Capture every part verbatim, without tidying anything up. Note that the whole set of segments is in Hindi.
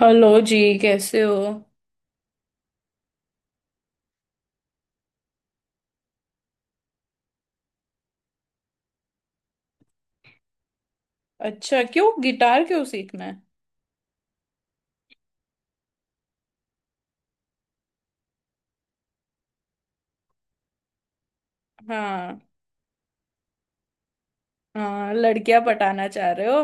हेलो जी। कैसे हो? अच्छा, क्यों गिटार क्यों सीखना है? हाँ। हाँ, लड़कियां पटाना चाह रहे हो?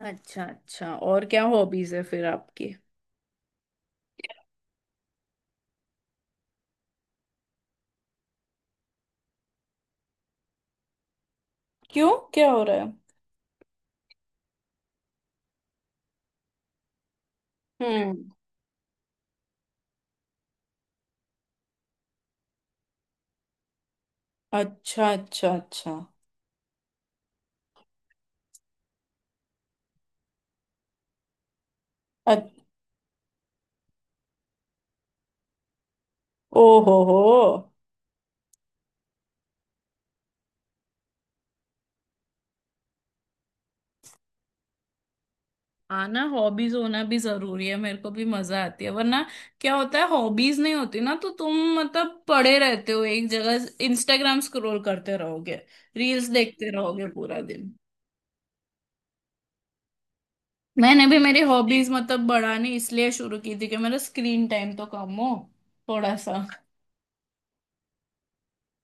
अच्छा अच्छा। और क्या हॉबीज है फिर आपकी? क्यों, क्या हो रहा है? हम्म। अच्छा अच्छा अच्छा। अच- ओ। हो हो। आना हॉबीज होना भी जरूरी है, मेरे को भी मजा आती है, वरना क्या होता है, हॉबीज नहीं होती ना तो तुम मतलब पड़े रहते हो एक जगह, इंस्टाग्राम स्क्रॉल करते रहोगे, रील्स देखते रहोगे पूरा दिन। मैंने भी मेरी हॉबीज मतलब बढ़ानी इसलिए शुरू की थी कि मेरा स्क्रीन टाइम तो कम हो थोड़ा सा।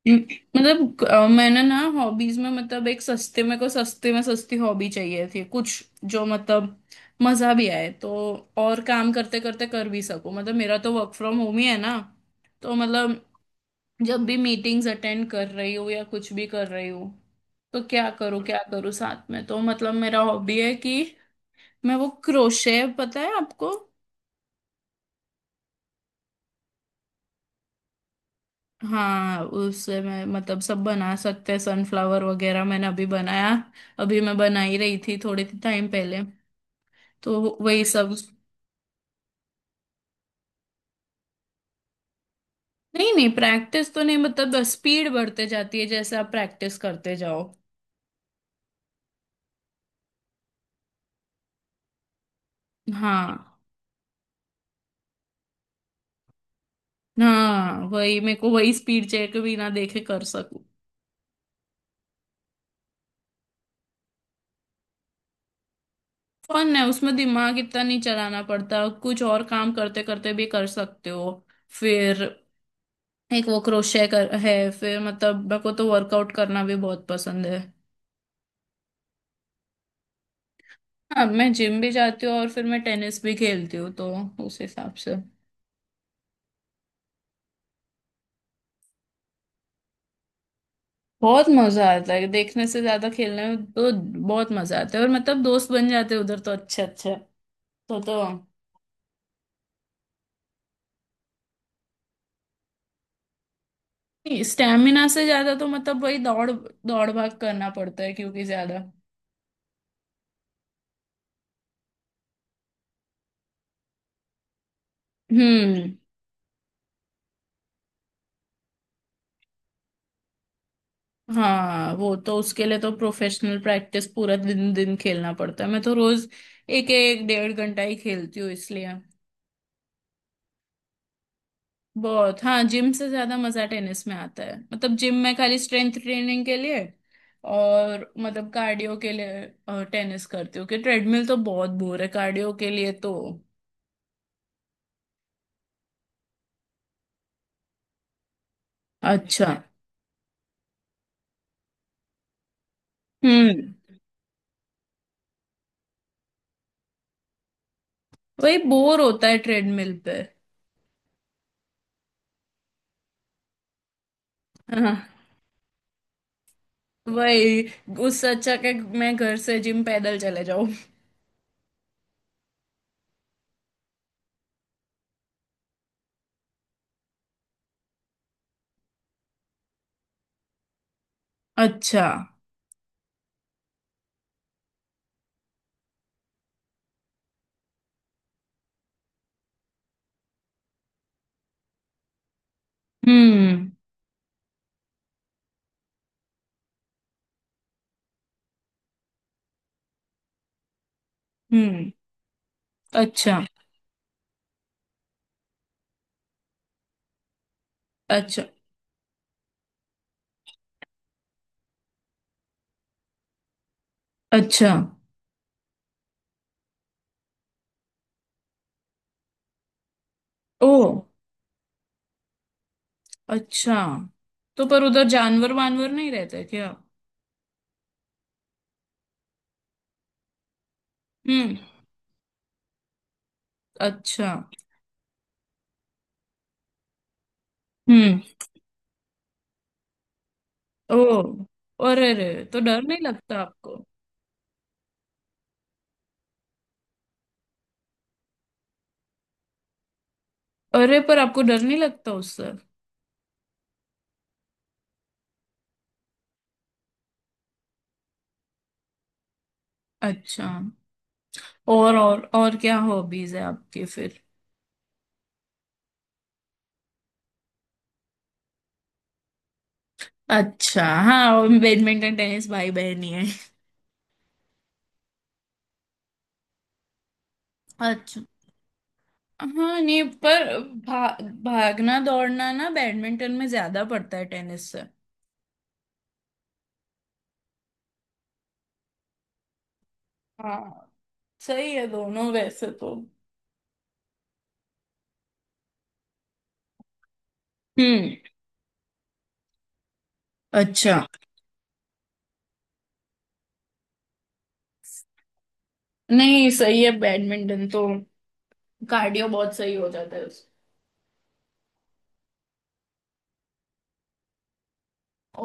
हम्म, मतलब अ, मैंने ना हॉबीज में मतलब एक सस्ते में को सस्ते में सस्ती हॉबी चाहिए थी कुछ, जो मतलब मजा भी आए, तो और काम करते करते कर भी सकूं, मतलब मेरा तो वर्क फ्रॉम होम ही है ना। तो मतलब जब भी मीटिंग्स अटेंड कर रही हूँ या कुछ भी कर रही हूँ तो क्या करूँ क्या करूँ साथ में, तो मतलब मेरा हॉबी है कि मैं वो क्रोशे, पता है आपको? हाँ, उससे मैं मतलब सब बना सकते हैं, सनफ्लावर वगैरह मैंने अभी बनाया। अभी मैं बना ही रही थी थोड़े टाइम पहले, तो वही सब। नहीं नहीं, प्रैक्टिस तो नहीं, मतलब स्पीड बढ़ते जाती है जैसे आप प्रैक्टिस करते जाओ। हाँ। हाँ वही, मेरे को वही स्पीड चेक बिना देखे कर सकूं। फन है उसमें, दिमाग इतना नहीं चलाना पड़ता, कुछ और काम करते करते भी कर सकते हो। फिर एक वो क्रोशे कर है, फिर मतलब मेरे को तो वर्कआउट करना भी बहुत पसंद है। हाँ, मैं जिम भी जाती हूँ और फिर मैं टेनिस भी खेलती हूँ, तो उस हिसाब से। बहुत मजा आता है, देखने से ज्यादा खेलने में तो बहुत मजा आता है, और मतलब दोस्त बन जाते हैं उधर तो अच्छे अच्छे। तो तो। स्टेमिना से ज्यादा तो मतलब वही दौड़ दौड़ भाग करना पड़ता है, क्योंकि ज्यादा। हम्म। हाँ, वो तो उसके लिए तो प्रोफेशनल प्रैक्टिस पूरा दिन दिन खेलना पड़ता है, मैं तो रोज एक एक डेढ़ घंटा ही खेलती हूँ इसलिए। बहुत। हाँ, जिम से ज्यादा मजा टेनिस में आता है, मतलब जिम में खाली स्ट्रेंथ ट्रेनिंग के लिए और मतलब कार्डियो के लिए टेनिस करती हूँ, कि ट्रेडमिल तो बहुत बोर है कार्डियो के लिए तो। अच्छा। हम्म। वही बोर होता है ट्रेडमिल पे। हाँ वही, उससे अच्छा कि मैं घर से जिम पैदल चले जाऊं। अच्छा। हम्म। हम्म। अच्छा अच्छा अच्छा। ओ अच्छा। तो पर उधर जानवर वानवर नहीं रहते क्या? हम्म। अच्छा। हम्म। ओ। और अरे, तो डर नहीं लगता आपको? अरे, पर आपको डर नहीं लगता उससे? अच्छा। और और और क्या हॉबीज है आपकी फिर? अच्छा। हाँ, और बैडमिंटन टेनिस भाई बहन ही है। अच्छा। हाँ नहीं, पर भा, भागना दौड़ना ना बैडमिंटन में ज्यादा पड़ता है टेनिस से। हाँ, सही है दोनों वैसे तो। हम्म। अच्छा। नहीं, सही है बैडमिंटन तो, कार्डियो बहुत सही हो जाता है उससे।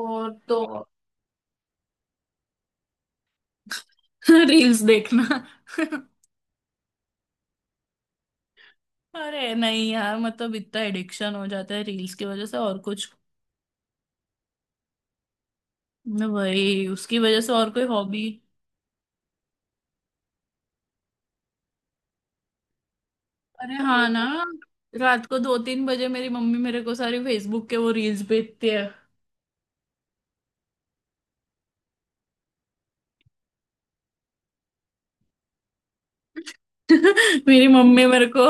और तो रील्स देखना। अरे नहीं यार, मतलब इतना एडिक्शन हो जाता है रील्स की वजह से और कुछ, भाई उसकी वजह से और कोई हॉबी। अरे हाँ ना, रात को दो तीन बजे मेरी मम्मी मेरे को सारी फेसबुक के वो रील्स भेजती है। मेरी मम्मी मेरे को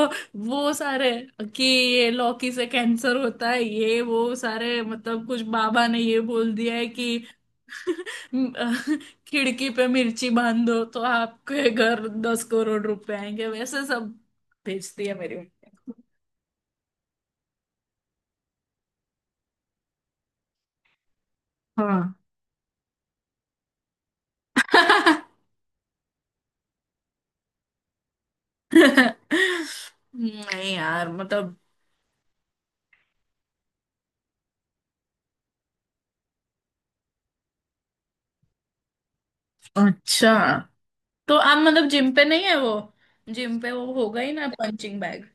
वो सारे, कि ये लौकी से कैंसर होता है, ये वो सारे मतलब कुछ बाबा ने ये बोल दिया है कि खिड़की पे मिर्ची बांध दो तो आपके घर दस करोड़ रुपए आएंगे, वैसे सब भेजती है मेरी मम्मी। हाँ। नहीं यार मतलब। अच्छा, तो आप मतलब जिम पे नहीं है वो? जिम पे वो होगा ही ना, पंचिंग बैग।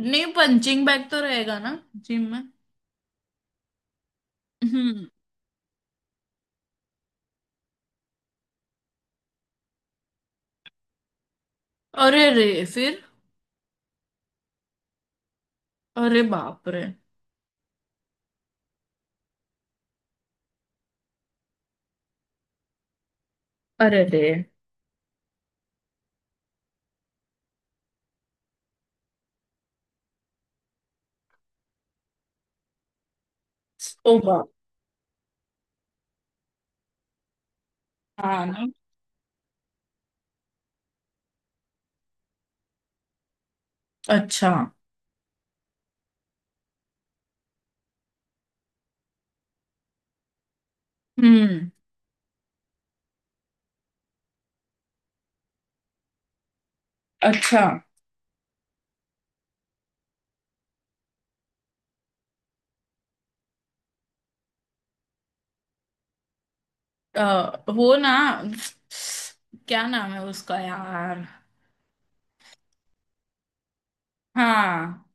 नहीं, पंचिंग बैग तो रहेगा ना जिम में। हम्म। अरे रे। फिर? अरे बाप रे। अरे रे। ओ बाप। हाँ ना। अच्छा। हम्म। अच्छा। अ, वो ना, क्या नाम है उसका यार? हाँ,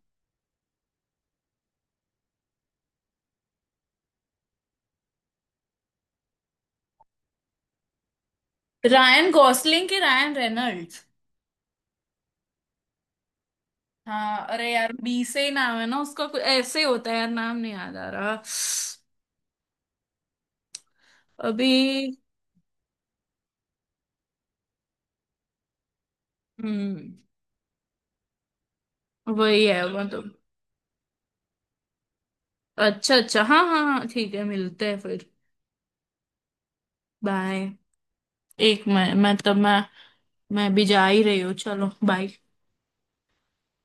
रायन गॉसलिंग के रायन रेनल्ड्स। हाँ, अरे यार बी से ही नाम है ना उसका, कुछ ऐसे ही होता है, यार नाम नहीं याद आ रहा अभी। हम्म। वही है मतलब। अच्छा अच्छा, हाँ हाँ हाँ, ठीक है, मिलते हैं फिर। बाय। एक मैं मैं तब मैं मैं भी जा ही रही हूँ, चलो बाय।